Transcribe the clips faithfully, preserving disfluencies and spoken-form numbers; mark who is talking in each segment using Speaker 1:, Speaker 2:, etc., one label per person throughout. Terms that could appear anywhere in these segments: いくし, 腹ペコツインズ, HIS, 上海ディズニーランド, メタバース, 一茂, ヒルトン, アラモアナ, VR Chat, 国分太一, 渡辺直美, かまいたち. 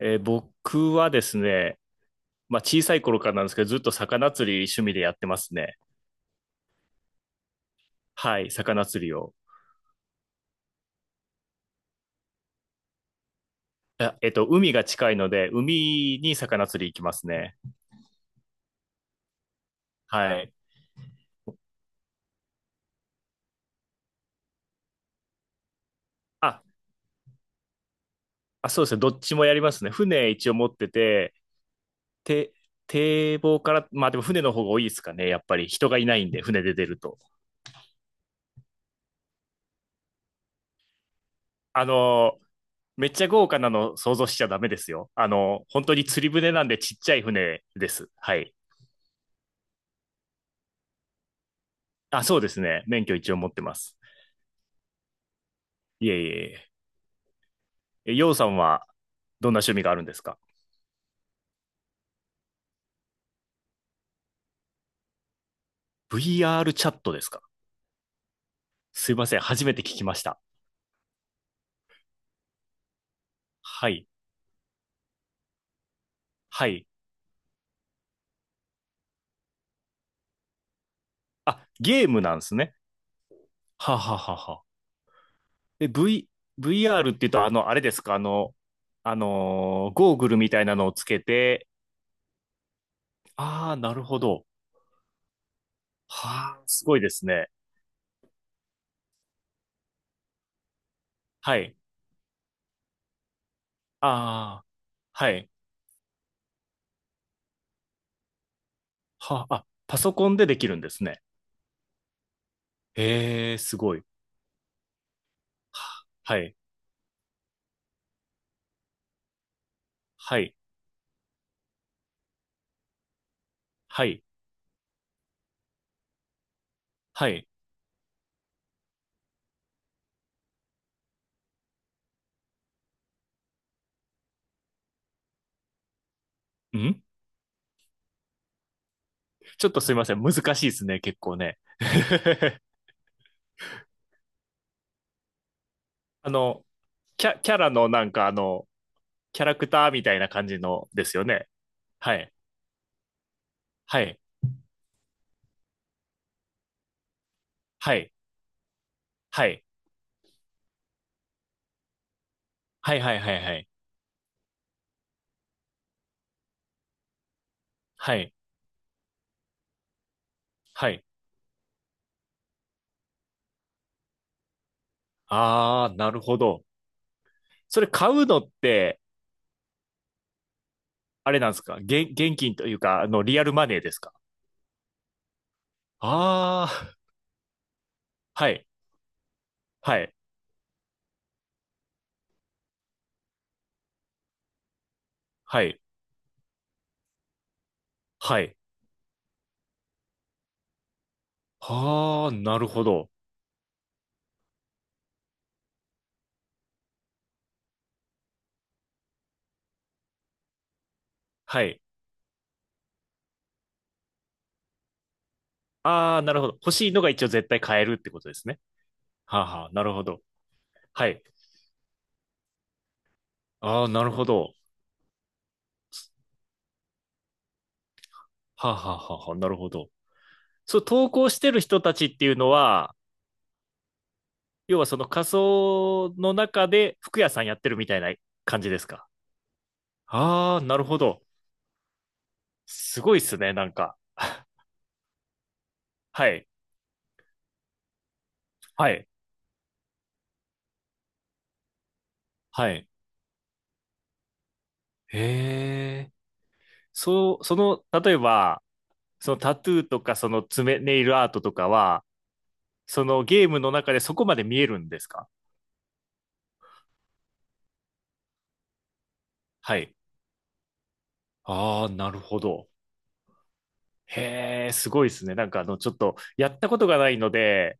Speaker 1: えー僕はですね、まあ、小さい頃からなんですけど、ずっと魚釣り趣味でやってますね。はい、魚釣りを。あえっと、海が近いので、海に魚釣り行きますね。はい。あ、あ、そうですね。どっちもやりますね。船一応持ってて、て、堤防から、まあでも船の方が多いですかね。やっぱり人がいないんで、船で出ると。あのーめっちゃ豪華なの想像しちゃダメですよ。あのー本当に釣り船なんでちっちゃい船です。はい。あ、そうですね。免許一応持ってます。いえいえいえ。え、ようさんはどんな趣味があるんですか ?ブイアール チャットですか？すいません、初めて聞きました。はい、はい。あ、ゲームなんですね。はあはあはあはあ。え、V、ブイアール って言うと、あの、あれですか？あの、あのーゴーグルみたいなのをつけて、ああ、なるほど。はあ、すごいですね。はい。ああ、はい。はあ、あ、パソコンでできるんですね。へえ、すごい。はあはい、はい、はい、はい。んちょっとすいません。難しいですね、結構ね。あの、キャ、キャラのなんかあの、キャラクターみたいな感じのですよね。はい。はい。はい。はい。はいはいはいはい。はい。はい。あー、なるほど。それ買うのって、あれなんですか？現、現金というか、あの、リアルマネーですか？あー、はい。はい。はい。はい。あー、なるほど。はい。あー、なるほど。欲しいのが一応絶対買えるってことですね。はあはあ、なるほど。はい。ああ、なるほど。はあ、はあはあはあ、なるほど。そう、投稿してる人たちっていうのは、要はその仮想の中で服屋さんやってるみたいな感じですか？ああー、なるほど。すごいっすね、なんか。はい。はい。はい。へえ。そう、その、例えば、そのタトゥーとか、その爪、ネイルアートとかは、そのゲームの中でそこまで見えるんですか？はい。ああ、なるほど。へえ、すごいですね。なんかあの、ちょっと、やったことがないので、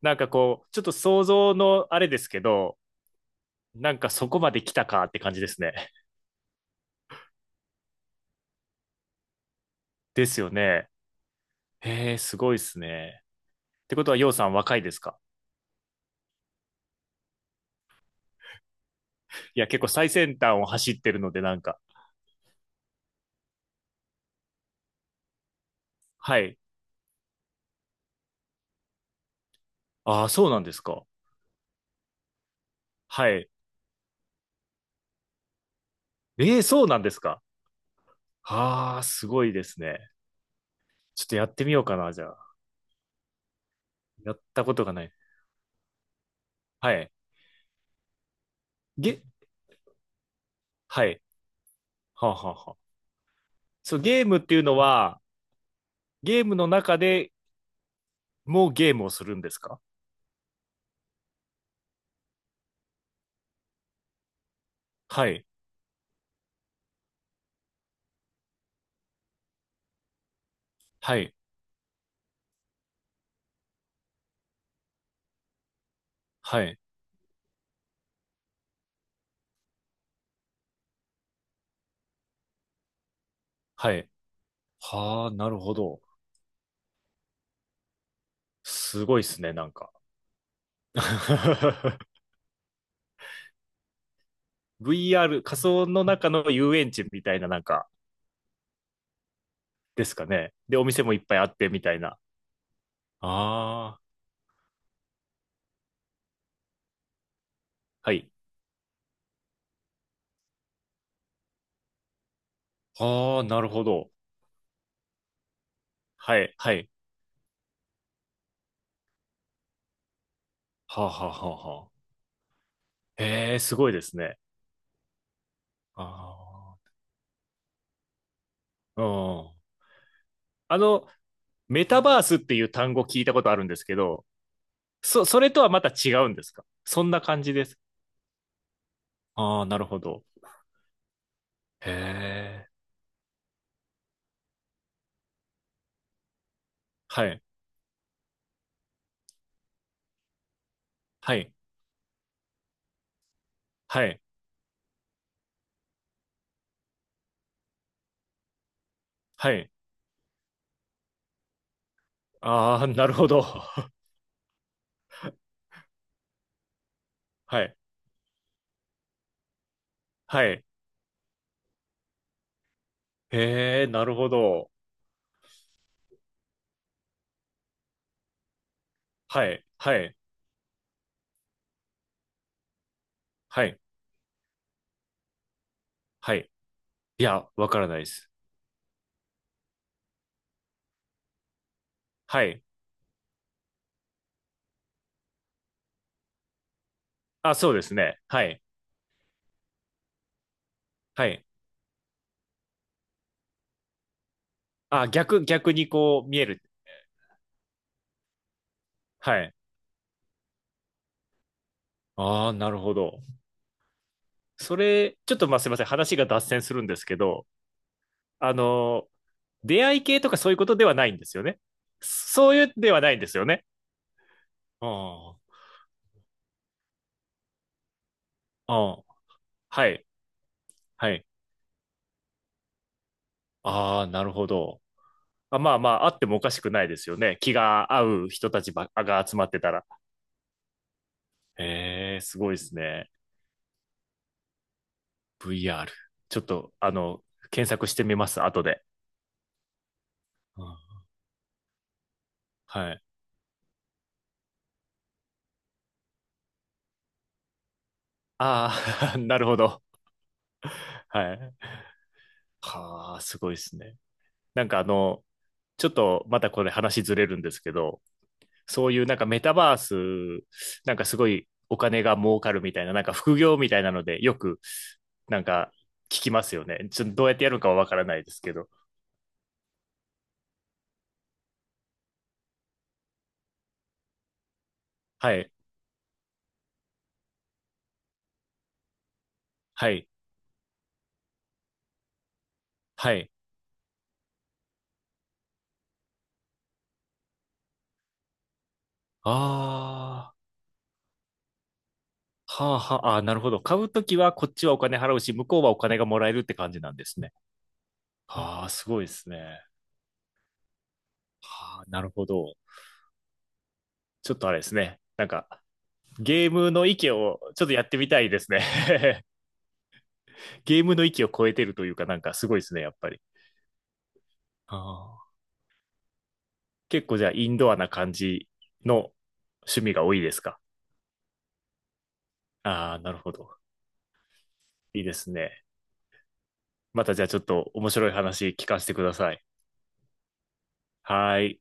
Speaker 1: なんかこう、ちょっと想像のあれですけど、なんかそこまで来たかって感じですね。ですよね。へえ、すごいですね。ってことは、ようさん若いですか？いや、結構最先端を走ってるので、なんか。はい。ああ、そうなんですか。はい。ええ、そうなんですか。ああ、すごいですね。ちょっとやってみようかな、じゃあ。やったことがない。はい。ゲ、はい。はあ、はあはあ。そう、ゲームっていうのは、ゲームの中でもうゲームをするんですか？はい。はい。はい。はい。はあ、なるほど。すごいっすね、なんか。ブイアール、仮想の中の遊園地みたいな、なんか、ですかね？で、お店もいっぱいあってみたいな。ああ、はい。はあ、なるほど。はい、はい。はあ、はあ、はあ、はあ。へえ、すごいですね。ああ、うん。あの、メタバースっていう単語聞いたことあるんですけど、そ、それとはまた違うんですか？そんな感じです。ああ、なるほど。へえ。はい、はい、はい、はい。ああ、なるほど。はい。はい。へえ、なるほど。はい。はい。はい。はい。いや、わからないです。はい。あ、そうですね。はい。はい。あ、逆、逆にこう見える。はい。ああ、なるほど。それ、ちょっとまあすいません。話が脱線するんですけど、あの、出会い系とかそういうことではないんですよね？そういうではないんですよね？ああ、ああ、はい。はい。ああ、なるほど。あまあまあ、あってもおかしくないですよね。気が合う人たちばが集まってたら。へえ、すごいですね。ブイアール。ちょっと、あの、検索してみます、後で。うんはい。ああ、なるほど。はい。はあ、すごいですね。なんかあの、ちょっとまたこれ話ずれるんですけど、そういうなんかメタバース、なんかすごいお金が儲かるみたいな、なんか副業みたいなので、よくなんか聞きますよね。ちょっとどうやってやるかはわからないですけど。はい。はい。はい。ああ、はあはあ、あーなるほど。買うときはこっちはお金払うし、向こうはお金がもらえるって感じなんですね。ああ、すごいですね。はあ、なるほど。ちょっとあれですね。なんか、ゲームの域をちょっとやってみたいですね。ゲームの域を超えてるというか、なんかすごいですね、やっぱり。ああ、結構じゃあインドアな感じの趣味が多いですか？ああー、なるほど。いいですね。またじゃあちょっと面白い話聞かせてください。はーい。